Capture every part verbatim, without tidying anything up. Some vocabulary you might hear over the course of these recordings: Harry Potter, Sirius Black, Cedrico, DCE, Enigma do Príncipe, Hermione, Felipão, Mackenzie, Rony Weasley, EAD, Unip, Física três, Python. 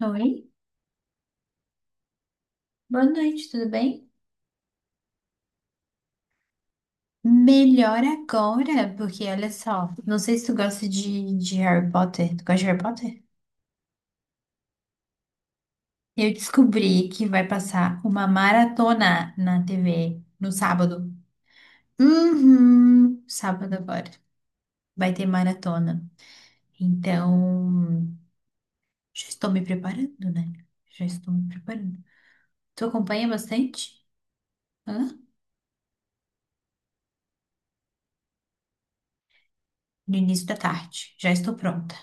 Oi, boa noite, tudo bem? Melhor agora, porque olha só, não sei se tu gosta de, de Harry Potter. Tu gosta de Harry Potter? Eu descobri que vai passar uma maratona na tê vê no sábado. Uhum, sábado agora. Vai ter maratona. Então, já estou me preparando, né? Já estou me preparando. Tu acompanha bastante? Hã? No início da tarde. Já estou pronta.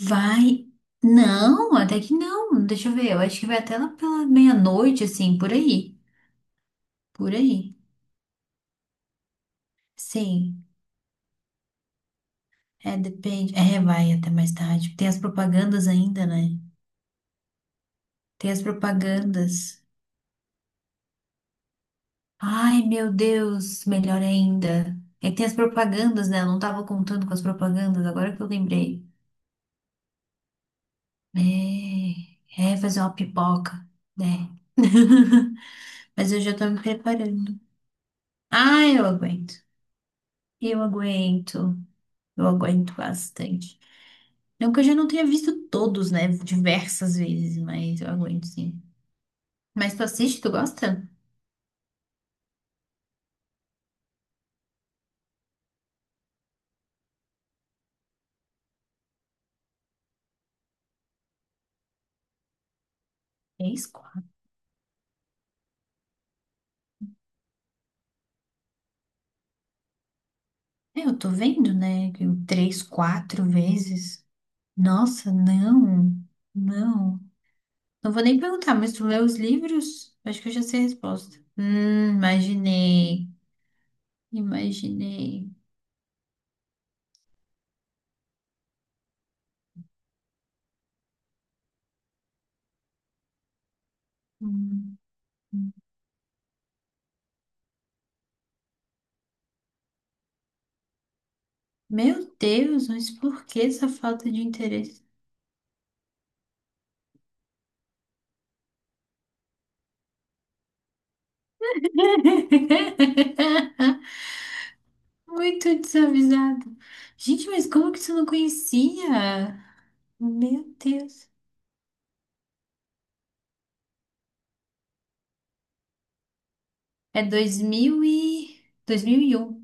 Vai. Não, até que não. Deixa eu ver. Eu acho que vai até lá pela meia-noite, assim, por aí. Por aí. Sim. É, depende. É, vai até mais tarde. Tem as propagandas ainda, né? Tem as propagandas. Ai, meu Deus, melhor ainda. É que tem as propagandas, né? Eu não tava contando com as propagandas, agora que eu lembrei. É, é fazer uma pipoca, né? Mas eu já tô me preparando. Ai, eu aguento. Eu aguento. Eu aguento bastante. Não que eu já não tenha visto todos, né? Diversas vezes, mas eu aguento sim. Mas tu assiste, tu gosta? Três, quatro. É, eu tô vendo, né? Que três, quatro vezes. Nossa, não. Não. Não vou nem perguntar, mas tu lê os livros? Acho que eu já sei a resposta. Hum, imaginei. Imaginei. Hum. Meu Deus, mas por que essa falta de interesse? Muito desavisado. Gente, mas como que você não conhecia? Meu Deus. É dois mil e... dois mil e um.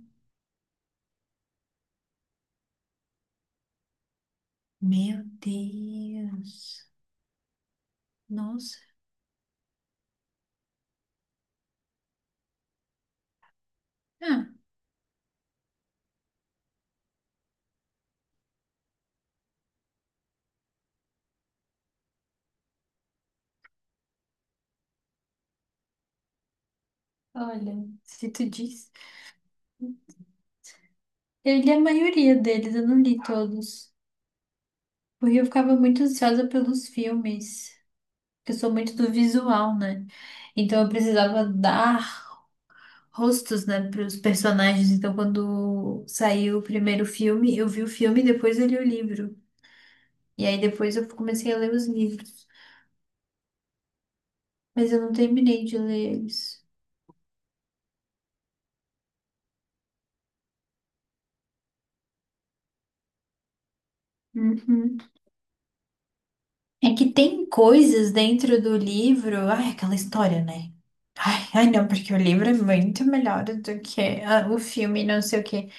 Meu Deus. Nossa. Ah, olha, se tu diz. Eu li a maioria deles, eu não li todos. Porque eu ficava muito ansiosa pelos filmes. Porque eu sou muito do visual, né? Então eu precisava dar rostos, né, para os personagens. Então quando saiu o primeiro filme, eu vi o filme e depois eu li o livro. E aí depois eu comecei a ler os livros, mas eu não terminei de ler eles. Uhum. É que tem coisas dentro do livro. Ai, aquela história, né? Ai, ai, não, porque o livro é muito melhor do que ah, o filme, não sei o quê.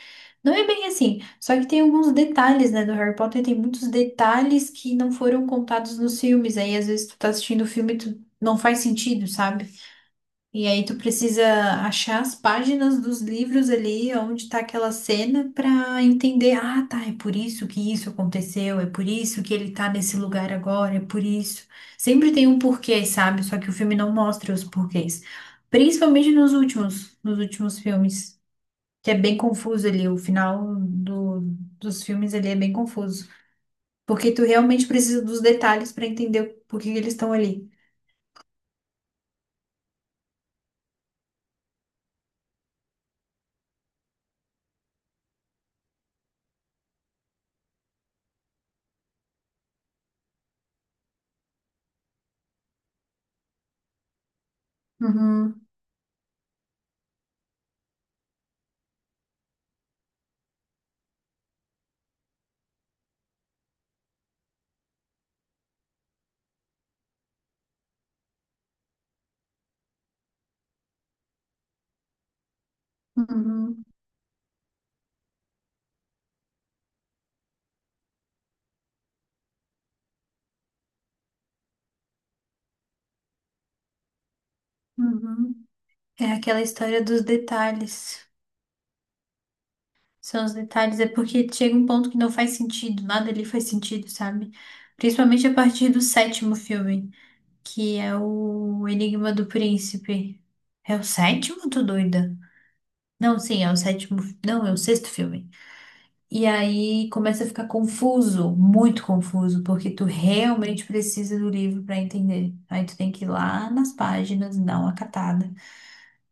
Não é bem assim. Só que tem alguns detalhes, né, do Harry Potter, tem muitos detalhes que não foram contados nos filmes. Aí, às vezes, tu tá assistindo o filme e tu não faz sentido, sabe? E aí tu precisa achar as páginas dos livros ali, onde tá aquela cena, pra entender, ah, tá, é por isso que isso aconteceu, é por isso que ele tá nesse lugar agora, é por isso. Sempre tem um porquê, sabe? Só que o filme não mostra os porquês. Principalmente nos últimos, nos últimos filmes, que é bem confuso ali, o final do, dos filmes ali é bem confuso. Porque tu realmente precisa dos detalhes pra entender por que que eles estão ali. Uhum, uhum, uhum. É aquela história dos detalhes. São os detalhes, é porque chega um ponto que não faz sentido, nada ali faz sentido, sabe? Principalmente a partir do sétimo filme, que é o Enigma do Príncipe. É o sétimo, tô doida? Não, sim, é o sétimo. fi- Não, é o sexto filme. E aí começa a ficar confuso, muito confuso, porque tu realmente precisa do livro pra entender. Aí tu tem que ir lá nas páginas, dar uma catada.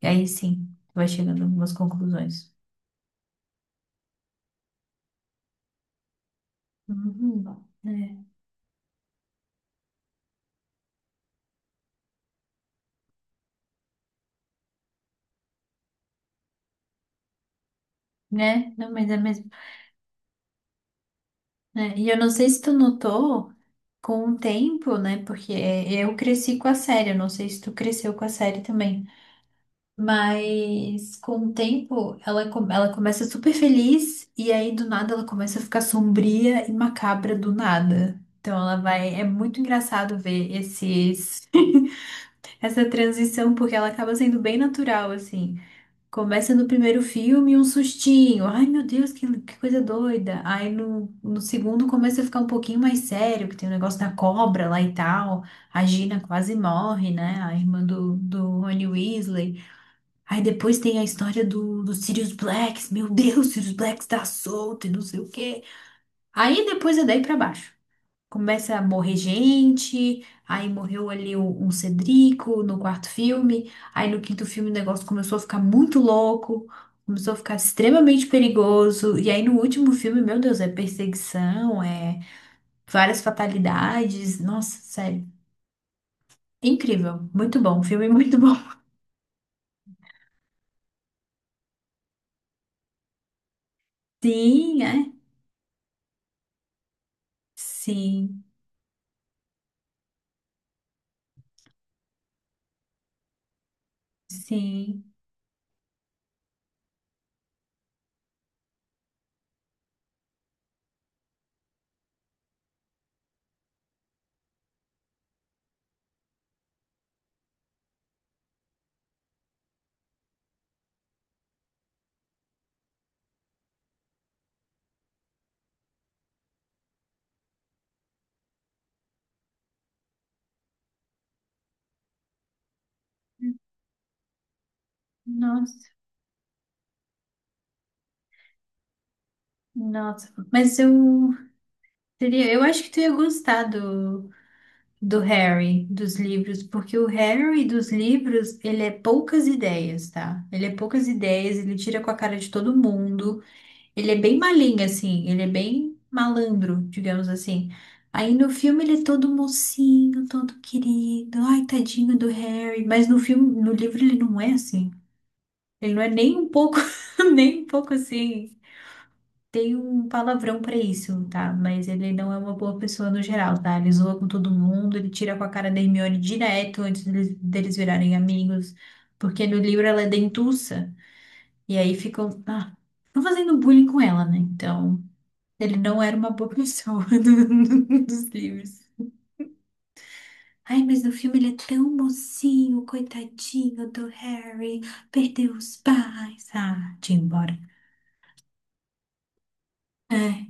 E aí sim, tu vai chegando a algumas conclusões. Uhum. É, né? Não, mas é mesmo. É. E eu não sei se tu notou com o tempo, né? Porque é, eu cresci com a série, eu não sei se tu cresceu com a série também. Mas com o tempo, ela, com- ela começa super feliz e aí do nada ela começa a ficar sombria e macabra do nada. Então ela vai. É muito engraçado ver esses, essa transição, porque ela acaba sendo bem natural, assim. Começa no primeiro filme um sustinho. Ai, meu Deus, que, que coisa doida. Aí no, no segundo começa a ficar um pouquinho mais sério, que tem o negócio da cobra lá e tal. A Gina quase morre, né? A irmã do, do Rony Weasley. Aí depois tem a história do, do Sirius Black. Meu Deus, Sirius Black está solto e não sei o quê. Aí depois é daí pra baixo. Começa a morrer gente, aí morreu ali o- um Cedrico no quarto filme, aí no quinto filme o negócio começou a ficar muito louco, começou a ficar extremamente perigoso, e aí no último filme, meu Deus, é perseguição, é várias fatalidades, nossa, sério, incrível, muito bom, um filme muito bom. Sim, é? Sim, sim, nossa, nossa, mas eu, seria, eu acho que tu ia gostar do Harry, dos livros, porque o Harry dos livros, ele é poucas ideias, tá? Ele é poucas ideias, ele tira com a cara de todo mundo, ele é bem malinho, assim, ele é bem malandro, digamos assim. Aí no filme ele é todo mocinho, todo querido, ai, tadinho do Harry, mas no filme, no livro ele não é assim. Ele não é nem um pouco, nem um pouco assim. Tem um palavrão pra isso, tá? Mas ele não é uma boa pessoa no geral, tá? Ele zoa com todo mundo, ele tira com a cara da Hermione direto antes deles, deles virarem amigos, porque no livro ela é dentuça, e aí ficam, ah, ficam fazendo bullying com ela, né? Então, ele não era uma boa pessoa do- do- dos livros. Ai, mas no filme ele é tão mocinho, coitadinho do Harry, perdeu os pais. Ah, tinha ido embora. É.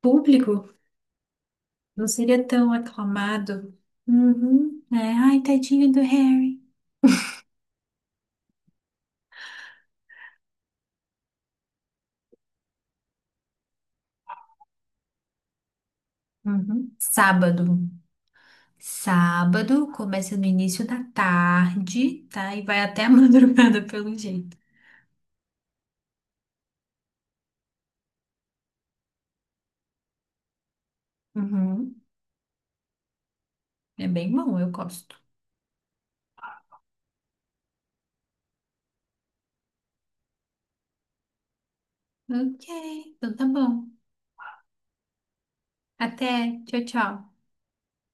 Público? Não seria tão aclamado. Uhum. É, ai, tadinho do Harry. Uhum. Sábado. Sábado começa no início da tarde, tá? E vai até a madrugada, pelo jeito. Uhum. É bem bom, eu gosto. Ok, então tá bom. Até. Tchau, tchau.